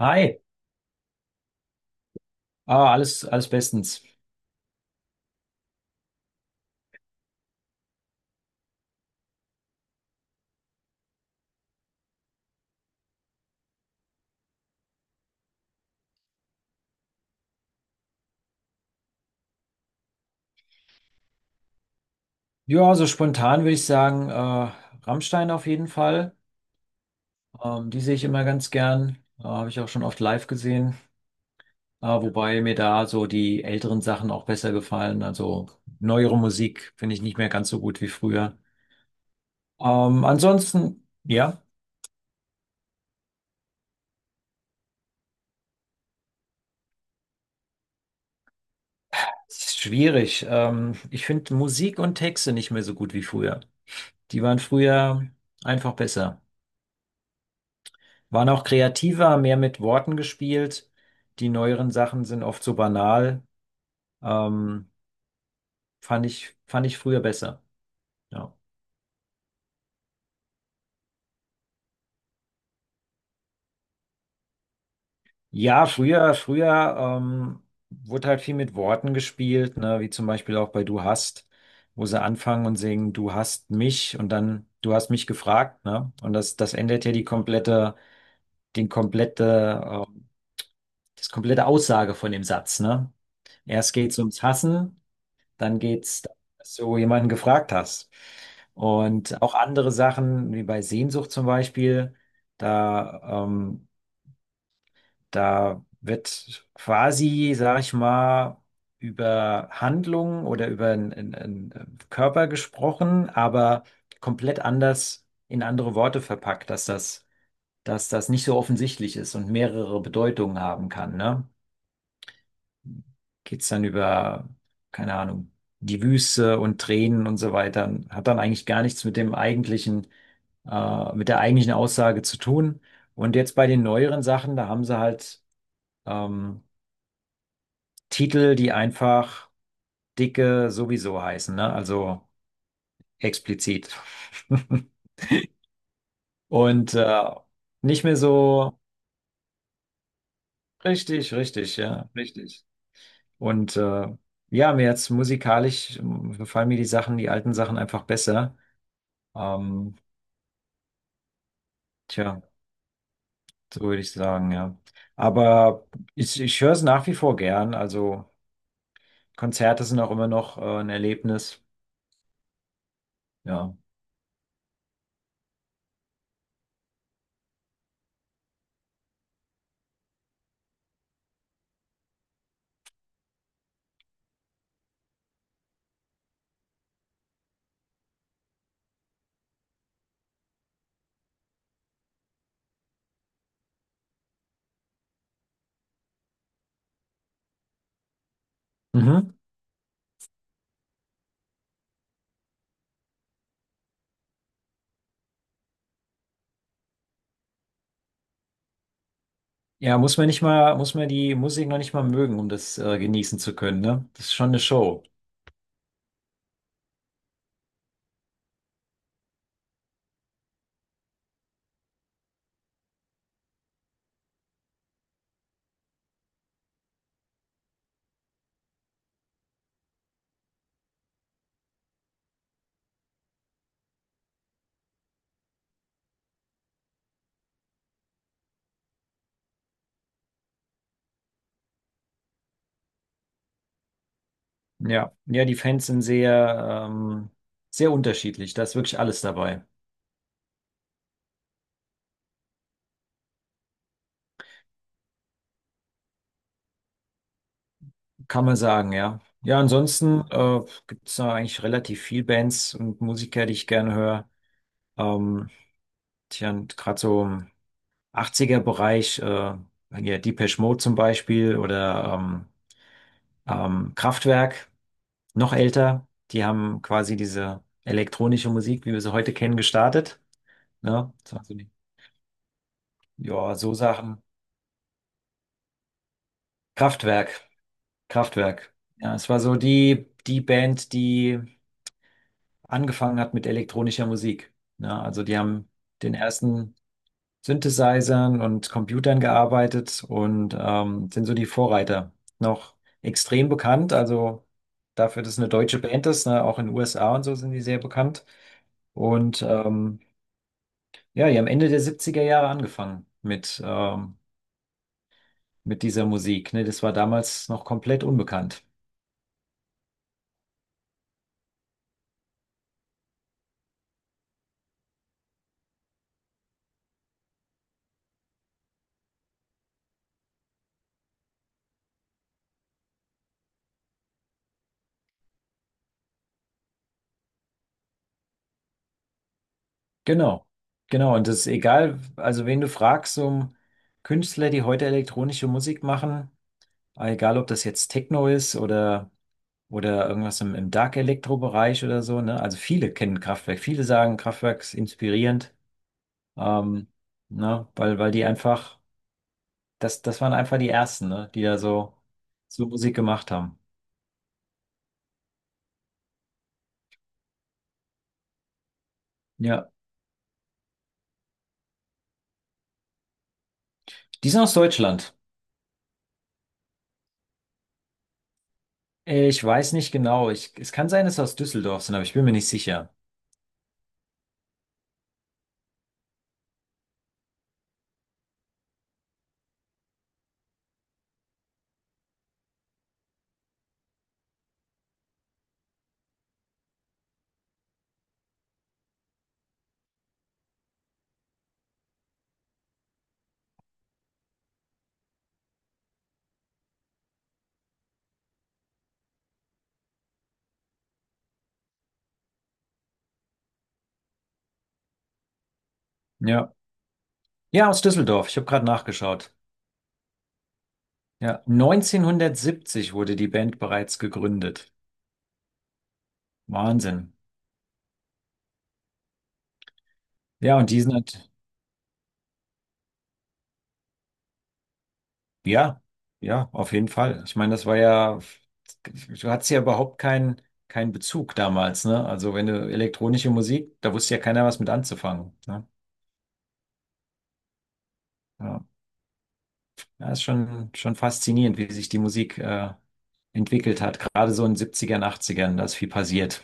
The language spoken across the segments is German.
Hi, ah, alles bestens. Ja, so spontan würde ich sagen, Rammstein auf jeden Fall. Die sehe ich immer ganz gern. Habe ich auch schon oft live gesehen. Wobei mir da so die älteren Sachen auch besser gefallen. Also neuere Musik finde ich nicht mehr ganz so gut wie früher. Ansonsten, ja, es ist schwierig. Ich finde Musik und Texte nicht mehr so gut wie früher. Die waren früher einfach besser. Waren auch kreativer, mehr mit Worten gespielt. Die neueren Sachen sind oft so banal. Ähm, fand ich früher besser. Ja, ja früher wurde halt viel mit Worten gespielt, ne? Wie zum Beispiel auch bei Du hast, wo sie anfangen und singen, Du hast mich und dann Du hast mich gefragt, ne? Und das ändert ja die komplette, den komplette, ähm, das komplette Aussage von dem Satz, ne? Erst geht's ums Hassen. Dann geht's, dass du jemanden gefragt hast. Und auch andere Sachen, wie bei Sehnsucht zum Beispiel, da, ähm, da wird quasi, sag ich mal, über Handlungen oder über einen Körper gesprochen, aber komplett anders in andere Worte verpackt, dass das nicht so offensichtlich ist und mehrere Bedeutungen haben kann, ne? Geht's dann über, keine Ahnung, die Wüste und Tränen und so weiter. Hat dann eigentlich gar nichts mit der eigentlichen Aussage zu tun. Und jetzt bei den neueren Sachen, da haben sie halt ähm, Titel, die einfach dicke sowieso heißen, ne? Also explizit. Und nicht mehr so richtig, richtig, ja, richtig. Und ja, mir jetzt musikalisch gefallen mir die alten Sachen einfach besser. Ähm, Tja, so würde ich sagen, ja. Aber ich höre es nach wie vor gern. Also Konzerte sind auch immer noch ein Erlebnis. Ja. Mhm. Ja, muss man die Musik noch nicht mal mögen, um das genießen zu können, ne? Das ist schon eine Show. Ja. Ja, die Fans sind sehr unterschiedlich. Da ist wirklich alles dabei. Kann man sagen, ja. Ja, ansonsten gibt es da eigentlich relativ viel Bands und Musiker, die ich gerne höre. Ähm, Tja, und gerade so, 80er-Bereich, hier Depeche Mode zum Beispiel oder Kraftwerk, noch älter. Die haben quasi diese elektronische Musik, wie wir sie heute kennen, gestartet. Ne? Das waren so also die, ja, so Sachen. Kraftwerk, Kraftwerk. Ja, es war so die Band, die angefangen hat mit elektronischer Musik. Ne? Also die haben den ersten Synthesizern und Computern gearbeitet und sind so die Vorreiter. Noch extrem bekannt, also dafür, dass es eine deutsche Band ist, ne? Auch in den USA und so sind die sehr bekannt. Und ja, die haben Ende der 70er Jahre angefangen mit dieser Musik. Ne? Das war damals noch komplett unbekannt. Genau, genau. Und das ist egal, also wen du fragst, um Künstler, die heute elektronische Musik machen, egal ob das jetzt Techno ist oder irgendwas im Dark Elektro-Bereich oder so, ne? Also viele kennen Kraftwerk, viele sagen Kraftwerk ist inspirierend, ähm, ne? Weil die einfach, das waren einfach die ersten, ne? Die da so Musik gemacht haben. Ja. Die sind aus Deutschland. Ich weiß nicht genau. Es kann sein, dass sie aus Düsseldorf sind, aber ich bin mir nicht sicher. Ja. Ja, aus Düsseldorf. Ich habe gerade nachgeschaut. Ja. 1970 wurde die Band bereits gegründet. Wahnsinn. Ja, und die sind halt. Ja, ja, auf jeden Fall. Ich meine, das war ja, du hattest ja überhaupt keinen Bezug damals, ne? Also wenn du elektronische Musik, da wusste ja keiner was mit anzufangen, ne? Ja, ja ist schon faszinierend, wie sich die Musik entwickelt hat. Gerade so in den Siebzigern, Achtzigern, da ist viel passiert.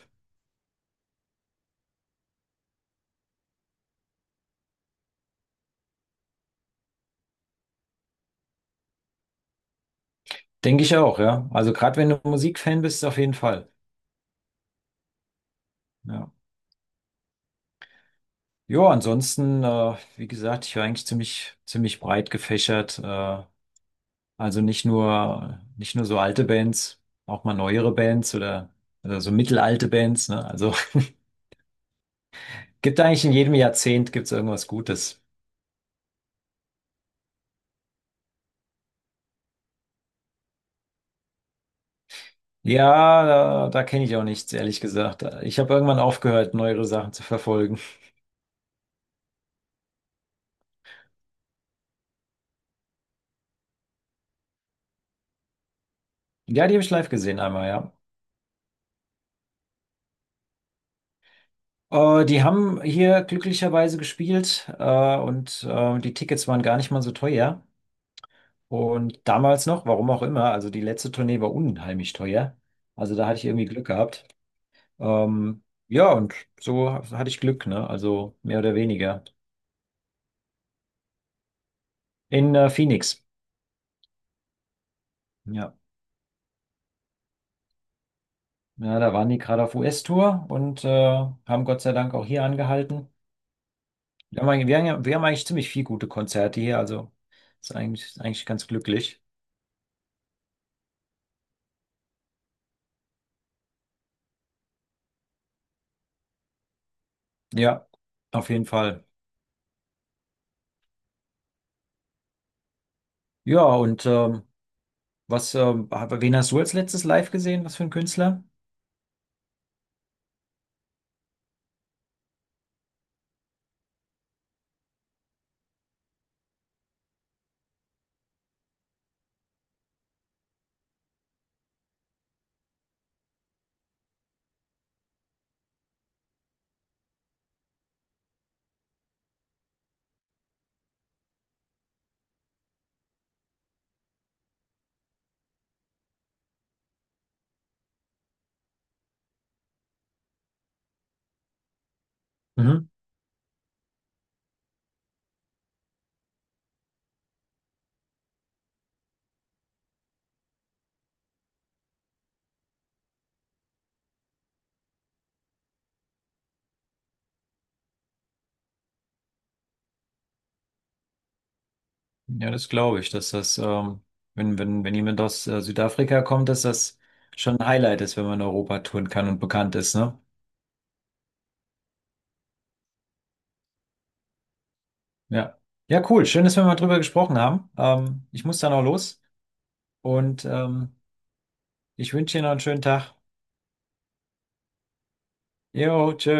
Denke ich auch, ja. Also gerade wenn du Musikfan bist, auf jeden Fall. Ja. Jo, ansonsten, wie gesagt, ich war eigentlich ziemlich, ziemlich breit gefächert. Also nicht nur so alte Bands, auch mal neuere Bands oder so mittelalte Bands, ne? Also gibt eigentlich in jedem Jahrzehnt gibt's irgendwas Gutes. Ja, da kenne ich auch nichts, ehrlich gesagt. Ich habe irgendwann aufgehört, neuere Sachen zu verfolgen. Ja, die habe ich live gesehen einmal, ja. Die haben hier glücklicherweise gespielt und die Tickets waren gar nicht mal so teuer. Und damals noch, warum auch immer, also die letzte Tournee war unheimlich teuer. Also da hatte ich irgendwie Glück gehabt. Ähm, ja, und so hatte ich Glück, ne? Also mehr oder weniger. In Phoenix. Ja. Ja, da waren die gerade auf US-Tour und haben Gott sei Dank auch hier angehalten. Wir haben eigentlich ziemlich viele gute Konzerte hier, also ist eigentlich ganz glücklich. Ja, auf jeden Fall. Ja, und wen hast du als letztes live gesehen? Was für ein Künstler? Mhm. Ja, das glaube ich, dass das, wenn jemand aus Südafrika kommt, dass das schon ein Highlight ist, wenn man Europa touren kann und bekannt ist, ne? Ja. Ja, cool. Schön, dass wir mal drüber gesprochen haben. Ich muss dann auch los und ich wünsche dir noch einen schönen Tag. Jo, tschö.